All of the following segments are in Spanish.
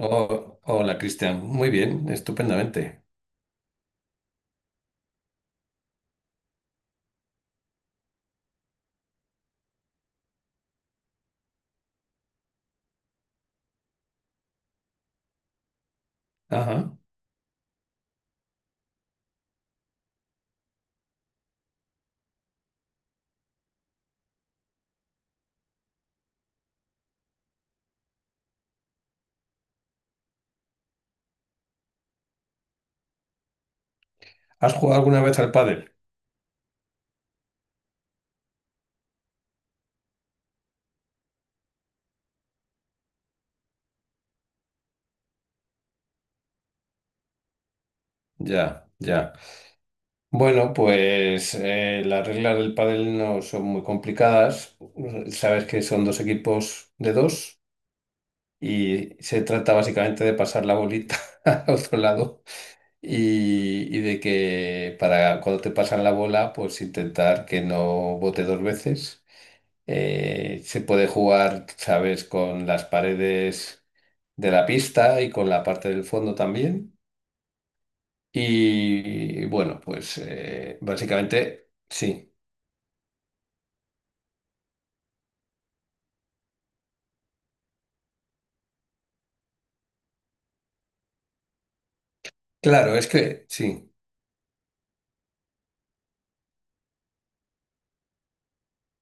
Oh, hola, Cristian. Muy bien, estupendamente. Ajá. ¿Has jugado alguna vez al pádel? Ya, ya. Bueno, pues las reglas del pádel no son muy complicadas. Sabes que son dos equipos de dos y se trata básicamente de pasar la bolita al otro lado y de que para cuando te pasan la bola, pues intentar que no bote dos veces. Se puede jugar, sabes, con las paredes de la pista y con la parte del fondo también. Y bueno, pues básicamente sí. Claro, es que sí.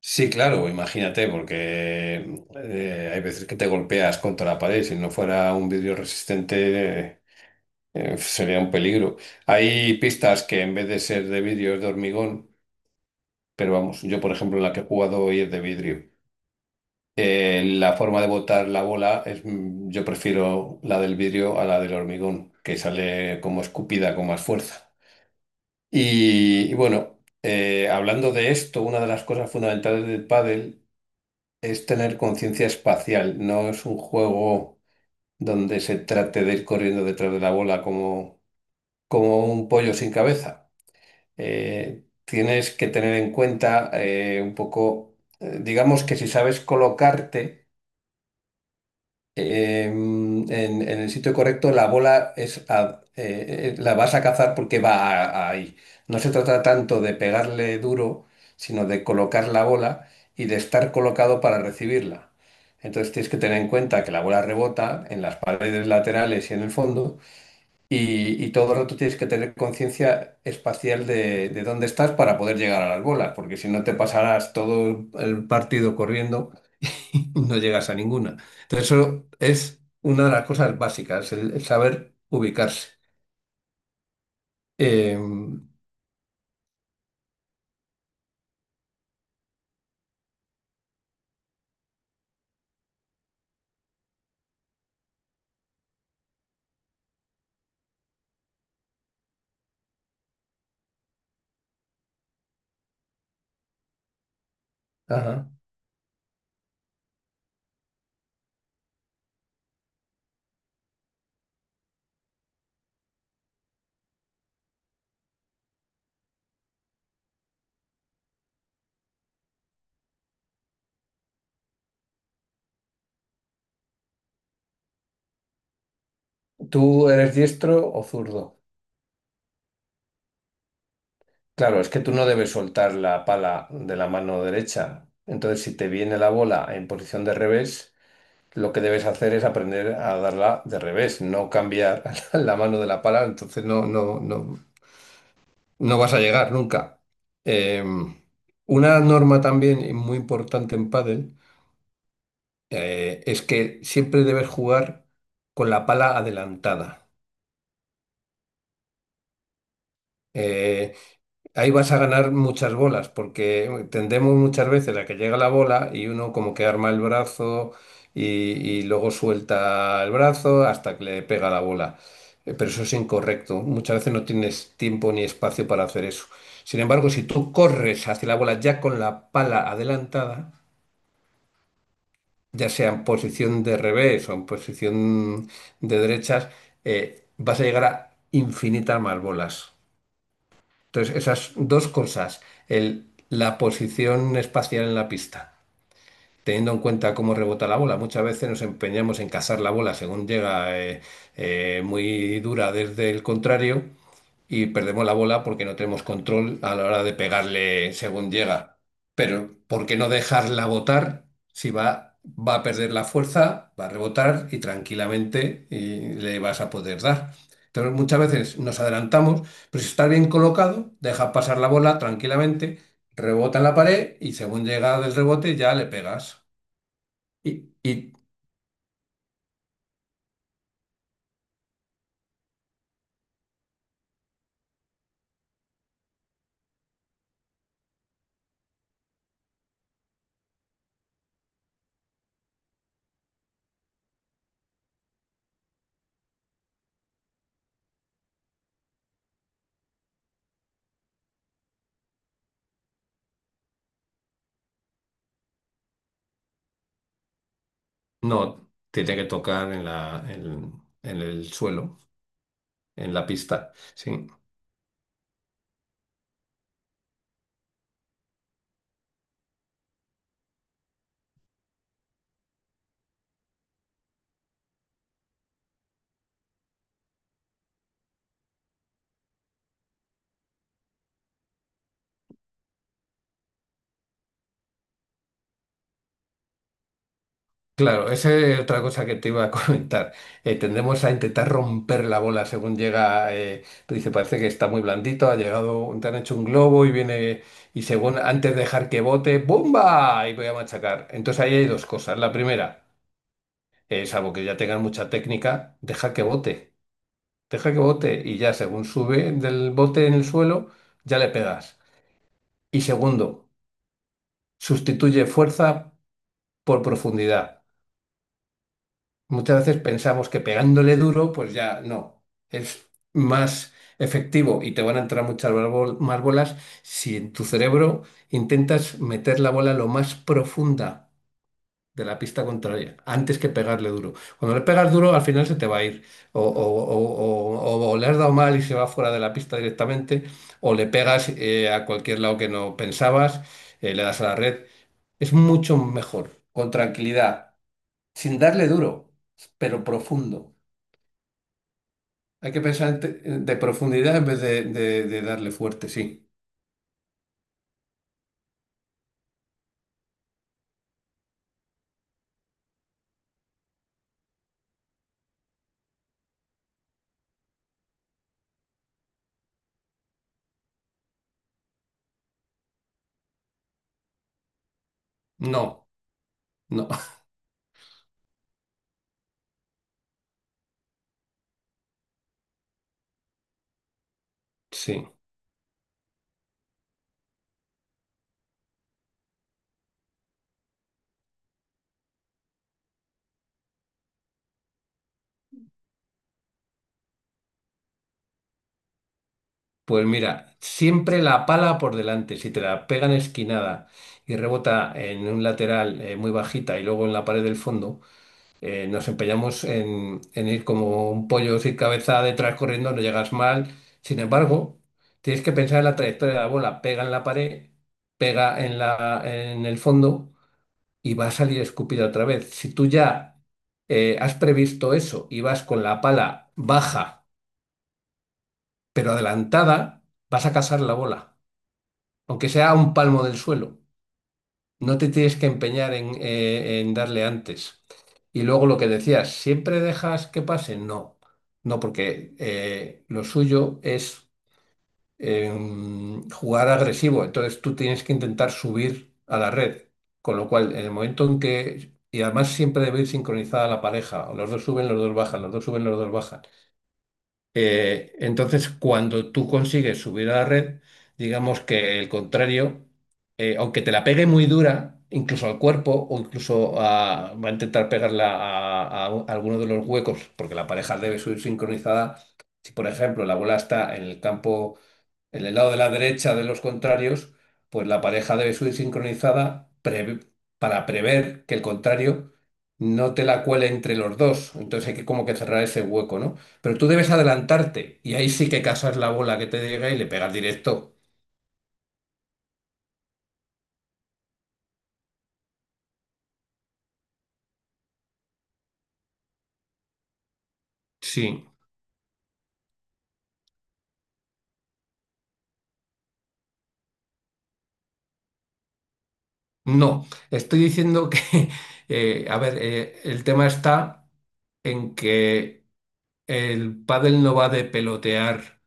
Sí, claro, imagínate, porque hay veces que te golpeas contra la pared. Si no fuera un vidrio resistente, sería un peligro. Hay pistas que en vez de ser de vidrio es de hormigón, pero vamos, yo por ejemplo la que he jugado hoy es de vidrio. La forma de botar la bola es, yo prefiero la del vidrio a la del hormigón, que sale como escupida con más fuerza. Y bueno, hablando de esto, una de las cosas fundamentales del pádel es tener conciencia espacial. No es un juego donde se trate de ir corriendo detrás de la bola como un pollo sin cabeza. Tienes que tener en cuenta un poco, digamos que si sabes colocarte en el sitio correcto, la bola la vas a cazar porque a ahí. No se trata tanto de pegarle duro, sino de colocar la bola y de estar colocado para recibirla. Entonces tienes que tener en cuenta que la bola rebota en las paredes laterales y en el fondo, y todo el rato tienes que tener conciencia espacial de dónde estás para poder llegar a las bolas, porque si no te pasarás todo el partido corriendo no llegas a ninguna. Entonces, eso es una de las cosas básicas, el saber ubicarse. Eh, ajá. ¿Tú eres diestro o zurdo? Claro, es que tú no debes soltar la pala de la mano derecha. Entonces, si te viene la bola en posición de revés, lo que debes hacer es aprender a darla de revés, no cambiar la mano de la pala, entonces no, no vas a llegar nunca. Eh, una norma también muy importante en pádel es que siempre debes jugar con la pala adelantada. Eh, Ahí vas a ganar muchas bolas, porque tendemos muchas veces a que llega la bola y uno como que arma el brazo y, y luego suelta el brazo hasta que le pega la bola. Pero eso es incorrecto. Muchas veces no tienes tiempo ni espacio para hacer eso. Sin embargo, si tú corres hacia la bola ya con la pala adelantada, ya sea en posición de revés o en posición de derechas, vas a llegar a infinitas más bolas. Entonces, esas dos cosas, la posición espacial en la pista, teniendo en cuenta cómo rebota la bola, muchas veces nos empeñamos en cazar la bola según llega muy dura desde el contrario y perdemos la bola porque no tenemos control a la hora de pegarle según llega. Pero ¿por qué no dejarla botar si va a perder la fuerza, va a rebotar y tranquilamente y le vas a poder dar? Entonces muchas veces nos adelantamos, pero si está bien colocado, deja pasar la bola tranquilamente, rebota en la pared y según llega del rebote ya le pegas. Y no, tiene que tocar en en el suelo, en la pista. Sí. Claro, esa es otra cosa que te iba a comentar. Tendemos a intentar romper la bola según llega. Tú dices, parece que está muy blandito, ha llegado, te han hecho un globo y viene, y según antes de dejar que bote, ¡bomba! Y voy a machacar. Entonces ahí hay dos cosas. La primera, salvo que ya tengan mucha técnica, deja que bote y ya según sube del bote en el suelo, ya le pegas. Y segundo, sustituye fuerza por profundidad. Muchas veces pensamos que pegándole duro, pues ya no, es más efectivo y te van a entrar muchas más más bolas si en tu cerebro intentas meter la bola lo más profunda de la pista contraria, antes que pegarle duro. Cuando le pegas duro, al final se te va a ir, o le has dado mal y se va fuera de la pista directamente, o le pegas a cualquier lado que no pensabas, le das a la red. Es mucho mejor, con tranquilidad sin darle duro, pero profundo. Hay que pensar de profundidad en vez de darle fuerte, sí. No, no, sí. Pues mira, siempre la pala por delante. Si te la pegan esquinada y rebota en un lateral muy bajita y luego en la pared del fondo, nos empeñamos en ir como un pollo sin cabeza detrás corriendo, no llegas mal. Sin embargo, tienes que pensar en la trayectoria de la bola. Pega en la pared, pega en el fondo y va a salir escupida otra vez. Si tú ya has previsto eso y vas con la pala baja pero adelantada, vas a cazar la bola, aunque sea a un palmo del suelo. No te tienes que empeñar en darle antes. Y luego lo que decías, ¿siempre dejas que pase? No, no, porque lo suyo es jugar agresivo. Entonces tú tienes que intentar subir a la red. Con lo cual, en el momento en que... Y además siempre debe ir sincronizada la pareja. Los dos suben, los dos bajan, los dos suben, los dos bajan. Entonces, cuando tú consigues subir a la red, digamos que el contrario, aunque te la pegue muy dura, incluso al cuerpo o va a intentar pegarla a, a alguno de los huecos, porque la pareja debe subir sincronizada. Si, por ejemplo, la bola está en el campo en el lado de la derecha de los contrarios, pues la pareja debe subir sincronizada para prever que el contrario no te la cuele entre los dos. Entonces hay que como que cerrar ese hueco, ¿no? Pero tú debes adelantarte y ahí sí que casas la bola que te llega y le pegas directo. Sí. No, estoy diciendo que, a ver, el tema está en que el pádel no va de pelotear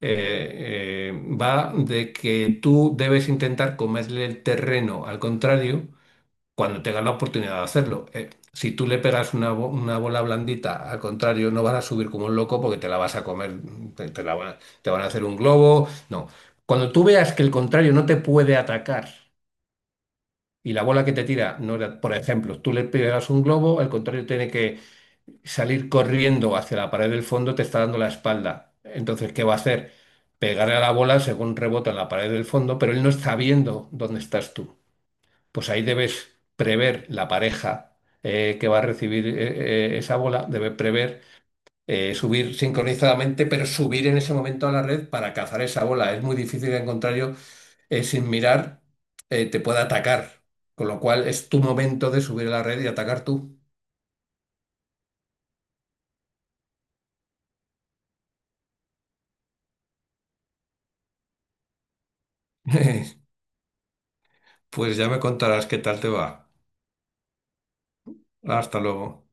eh, eh, va de que tú debes intentar comerle el terreno al contrario cuando tengas la oportunidad de hacerlo. Si tú le pegas una, una bola blandita al contrario, no vas a subir como un loco porque te la vas a comer, te la van a, te van a hacer un globo. No. Cuando tú veas que el contrario no te puede atacar y la bola que te tira, no era- por ejemplo, tú le pegas un globo, el contrario tiene que salir corriendo hacia la pared del fondo te está dando la espalda. Entonces, ¿qué va a hacer? Pegarle a la bola según rebota en la pared del fondo, pero él no está viendo dónde estás tú. Pues ahí debes prever la pareja que va a recibir esa bola, debe prever subir sincronizadamente, pero subir en ese momento a la red para cazar esa bola. Es muy difícil, en contrario, sin mirar, te puede atacar. Con lo cual es tu momento de subir a la red y atacar tú. Pues ya me contarás qué tal te va. Hasta luego.